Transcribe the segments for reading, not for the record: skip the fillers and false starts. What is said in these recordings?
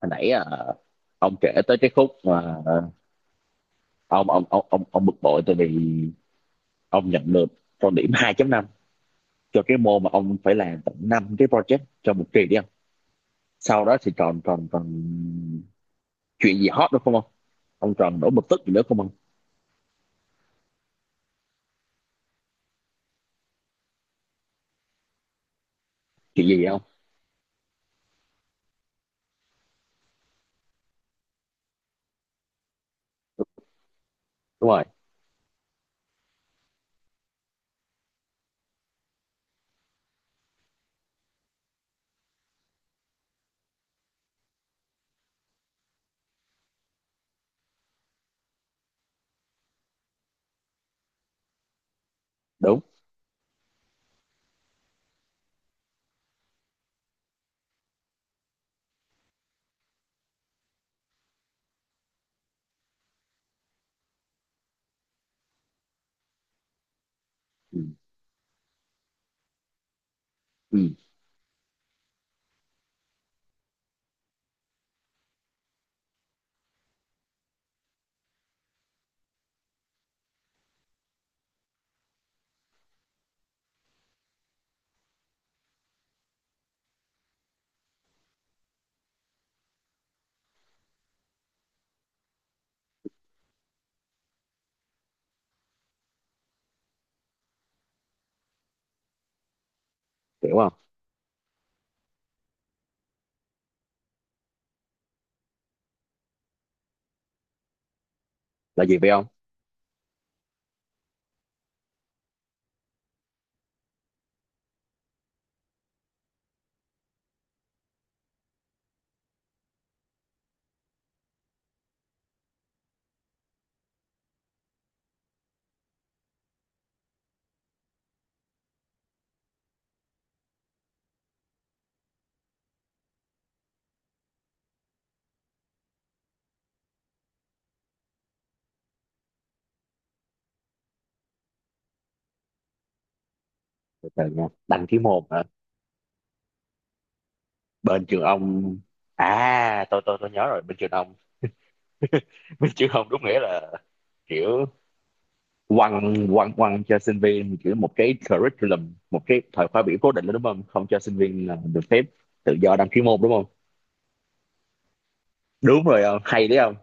Hồi nãy ông kể tới cái khúc mà ông bực bội tại vì ông nhận được con điểm 2,5 cho cái môn mà ông phải làm tận 5 cái project trong một kỳ đi không? Sau đó thì còn còn còn chuyện gì hot nữa không ông? Ông còn nổi bực tức gì nữa không ông? Chuyện gì vậy ông? Đúng rồi, đúng. Ừ, ừ, hiểu không? Là gì vậy ông? Từ từ nha, đăng ký môn hả? Bên trường ông. À tôi nhớ rồi, bên trường ông. Bên trường ông đúng nghĩa là kiểu quăng quăng quăng cho sinh viên kiểu một cái curriculum, một cái thời khóa biểu cố định đó, đúng không? Không cho sinh viên là được phép tự do đăng ký môn đúng không? Đúng rồi không, hay đấy không.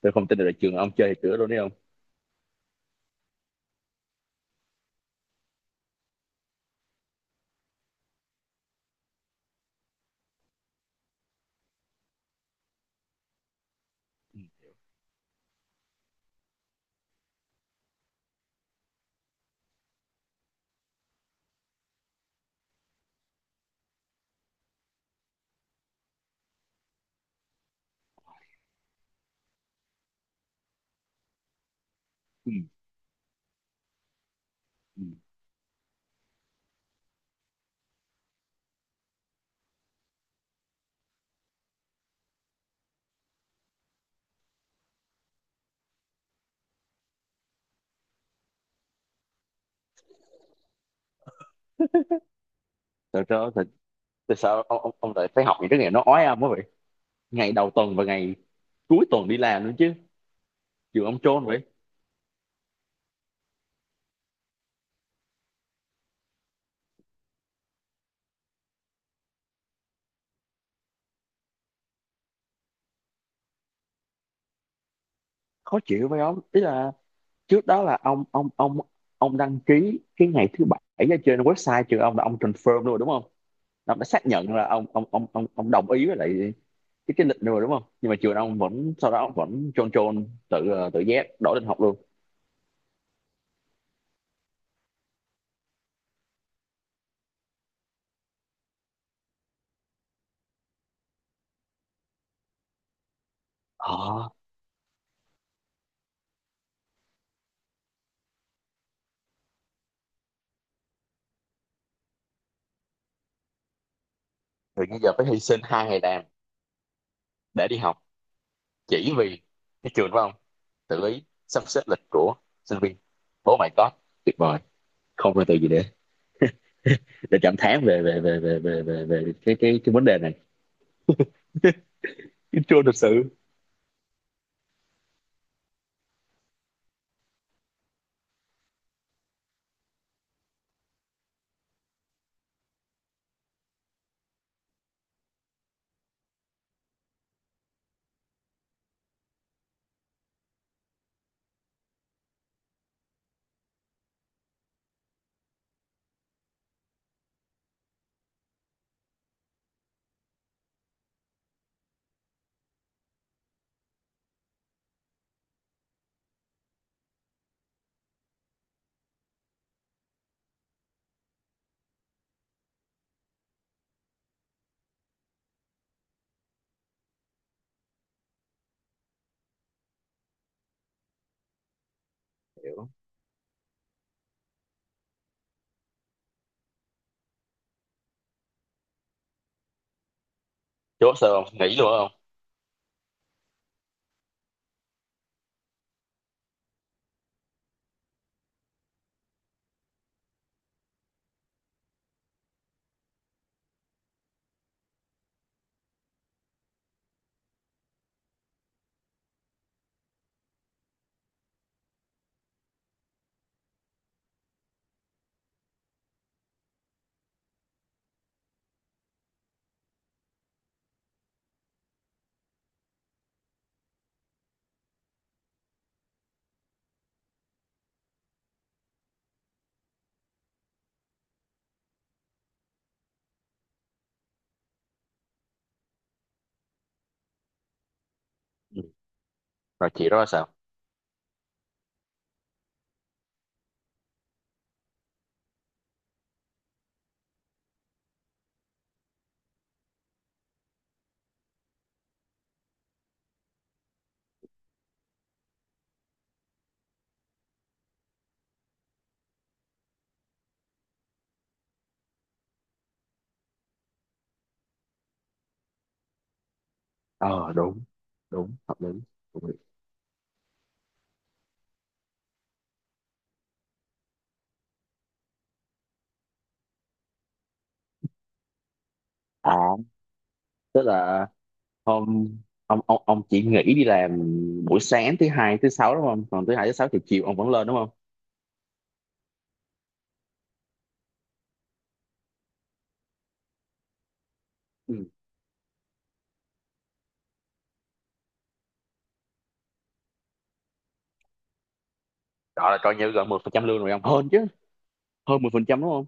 Tôi không tin được là trường ông chơi cửa luôn đấy không. Ừ. Ừ. tại sao tại, tại sao ông lại phải học những cái nghề nó ói ông quá vậy? Ngày đầu tuần và ngày cuối tuần đi làm nữa chứ, trường ông trôn vậy. Khó chịu phải không, tức là trước đó là ông đăng ký cái ngày thứ bảy ở trên website trường ông là ông confirm luôn rồi, đúng không? Ông đã xác nhận là ông đồng ý với lại cái lịch rồi đúng không, nhưng mà trường ông vẫn sau đó vẫn chôn chôn tự tự giác đổi lịch học luôn. ờ Rồi bây giờ phải hy sinh hai ngày làm để đi học chỉ vì cái trường, phải không? Tự ý sắp xếp lịch của sinh viên. Oh my god, tuyệt vời. Không có từ gì để cảm thán về cái vấn đề này. Chứ chưa thực sự. Hiểu. Chú sao không nghĩ luôn không? Ừ. Rồi chị đó sao? Ờ Đúng. Đúng hợp lý. Đúng. À tức là. Không, ông chỉ nghỉ đi làm buổi sáng thứ hai thứ sáu đúng không? Còn thứ hai thứ sáu thì chiều ông vẫn lên đúng không? Ừ. Đó là coi như gần 10% lương rồi ông, hơn chứ? Hơn 10% đúng không?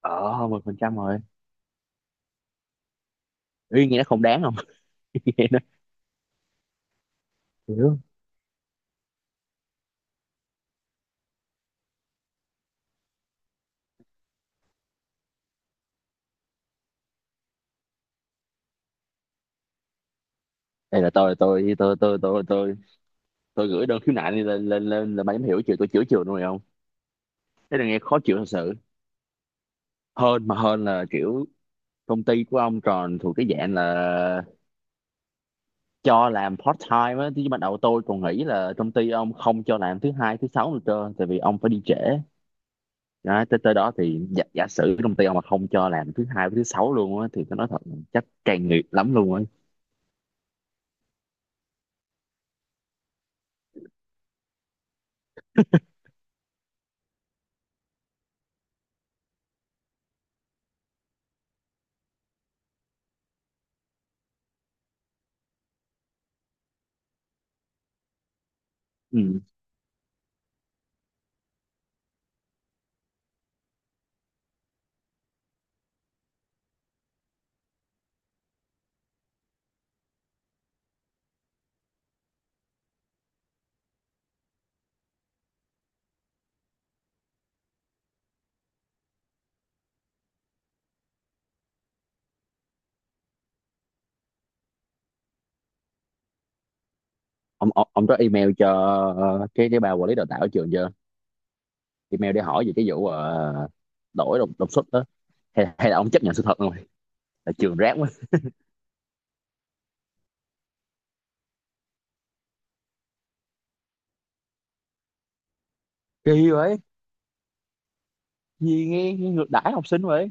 Ờ Hơn 10% rồi. Ý nghĩa không đáng không? Hiểu. Đây là tôi tôi gửi đơn khiếu nại đi lên lên lên là mày hiểu chiều tôi chữa chiều luôn rồi không? Thế là nghe khó chịu thật sự, hơn mà, hơn là kiểu công ty của ông tròn thuộc cái dạng là cho làm part time á. Thì ban đầu tôi còn nghĩ là công ty ông không cho làm thứ hai thứ sáu nữa trơn, tại vì ông phải đi trễ đó, tới tới đó thì giả sử công ty ông mà không cho làm thứ hai với thứ sáu luôn á thì tôi nói thật chắc càng nghiệp lắm luôn á. Ừ. ông ông có email cho cái bà quản lý đào tạo ở trường chưa, email để hỏi về cái vụ đổi đột đột xuất đó, hay là ông chấp nhận sự thật rồi là trường rác quá? Kỳ vậy. Gì nghe ngược đãi học sinh vậy.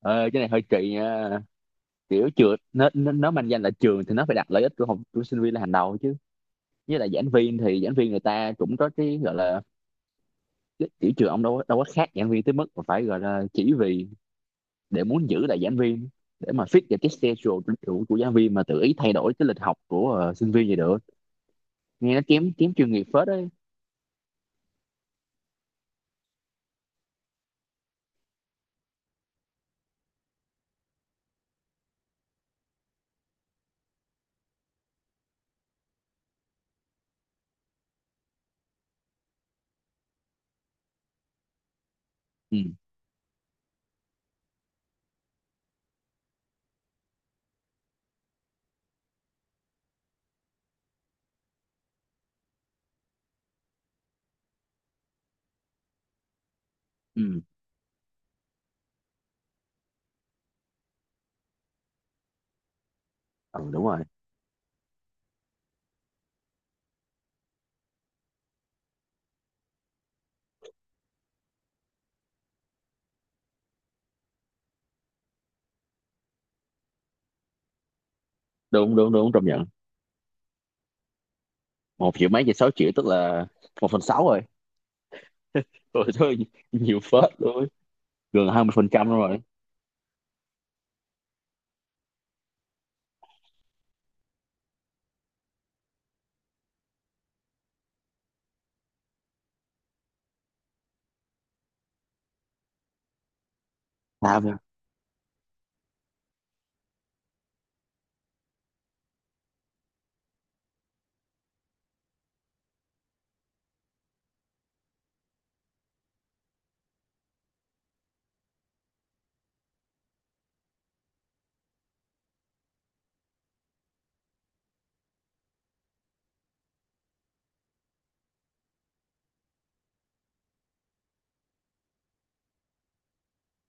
Ờ, cái này hơi kỳ nha, kiểu trường nó manh danh là trường thì nó phải đặt lợi ích của học của sinh viên là hàng đầu chứ. Với lại giảng viên thì giảng viên người ta cũng có cái gọi là cái kiểu trường ông đâu có khác giảng viên tới mức mà phải gọi là, chỉ vì để muốn giữ lại giảng viên, để mà fit vào cái schedule của giảng viên mà tự ý thay đổi cái lịch học của sinh viên vậy được. Nghe nó kém kém chuyên nghiệp phết đấy. Ừ, ừ, ừ đúng rồi. Đúng, đúng, đúng, công nhận. 1 triệu mấy về 6 triệu tức là một phần sáu rồi. Ôi thôi, nhiều phết luôn, gần 20% rồi. À,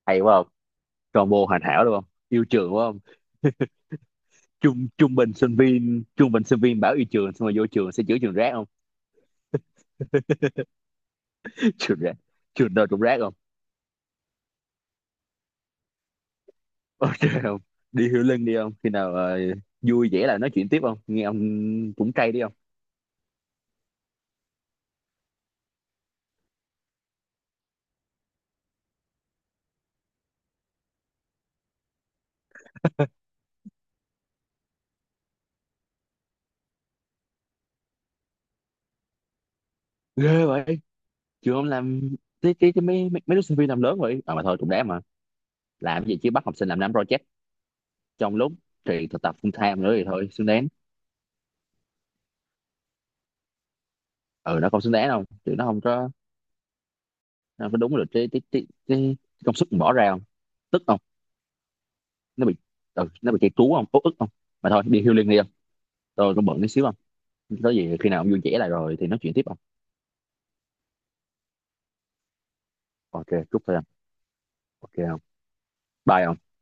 hay quá, combo hoàn hảo đúng không, yêu trường đúng không? Trung trung bình sinh viên trung bình sinh viên bảo yêu trường xong rồi vô trường sẽ chữa trường rác không. Trường rác. Trường đâu cũng rác không. Ok không, đi hiểu lưng đi không, khi nào vui vẻ là nói chuyện tiếp không nghe ông, cũng cay đi không. Ghê vậy, trường ông làm cái mấy, mấy mấy đứa sinh viên làm lớn vậy à, mà thôi cũng đáng mà. Làm cái gì chứ, bắt học sinh làm năm project trong lúc thì thực tập full time nữa thì thôi xứng đáng. Ừ, nó không xứng đáng đâu chứ, nó không có đúng được cái công sức mình bỏ ra không, tức không. Nó bị ừ, nó bị chạy trú không, út ức không, mà thôi đi healing đi không, tôi cũng bận tí xíu không. Có gì khi nào ông vui vẻ lại rồi thì nói chuyện tiếp không. Ok chúc thôi không. Ok không. Bye không.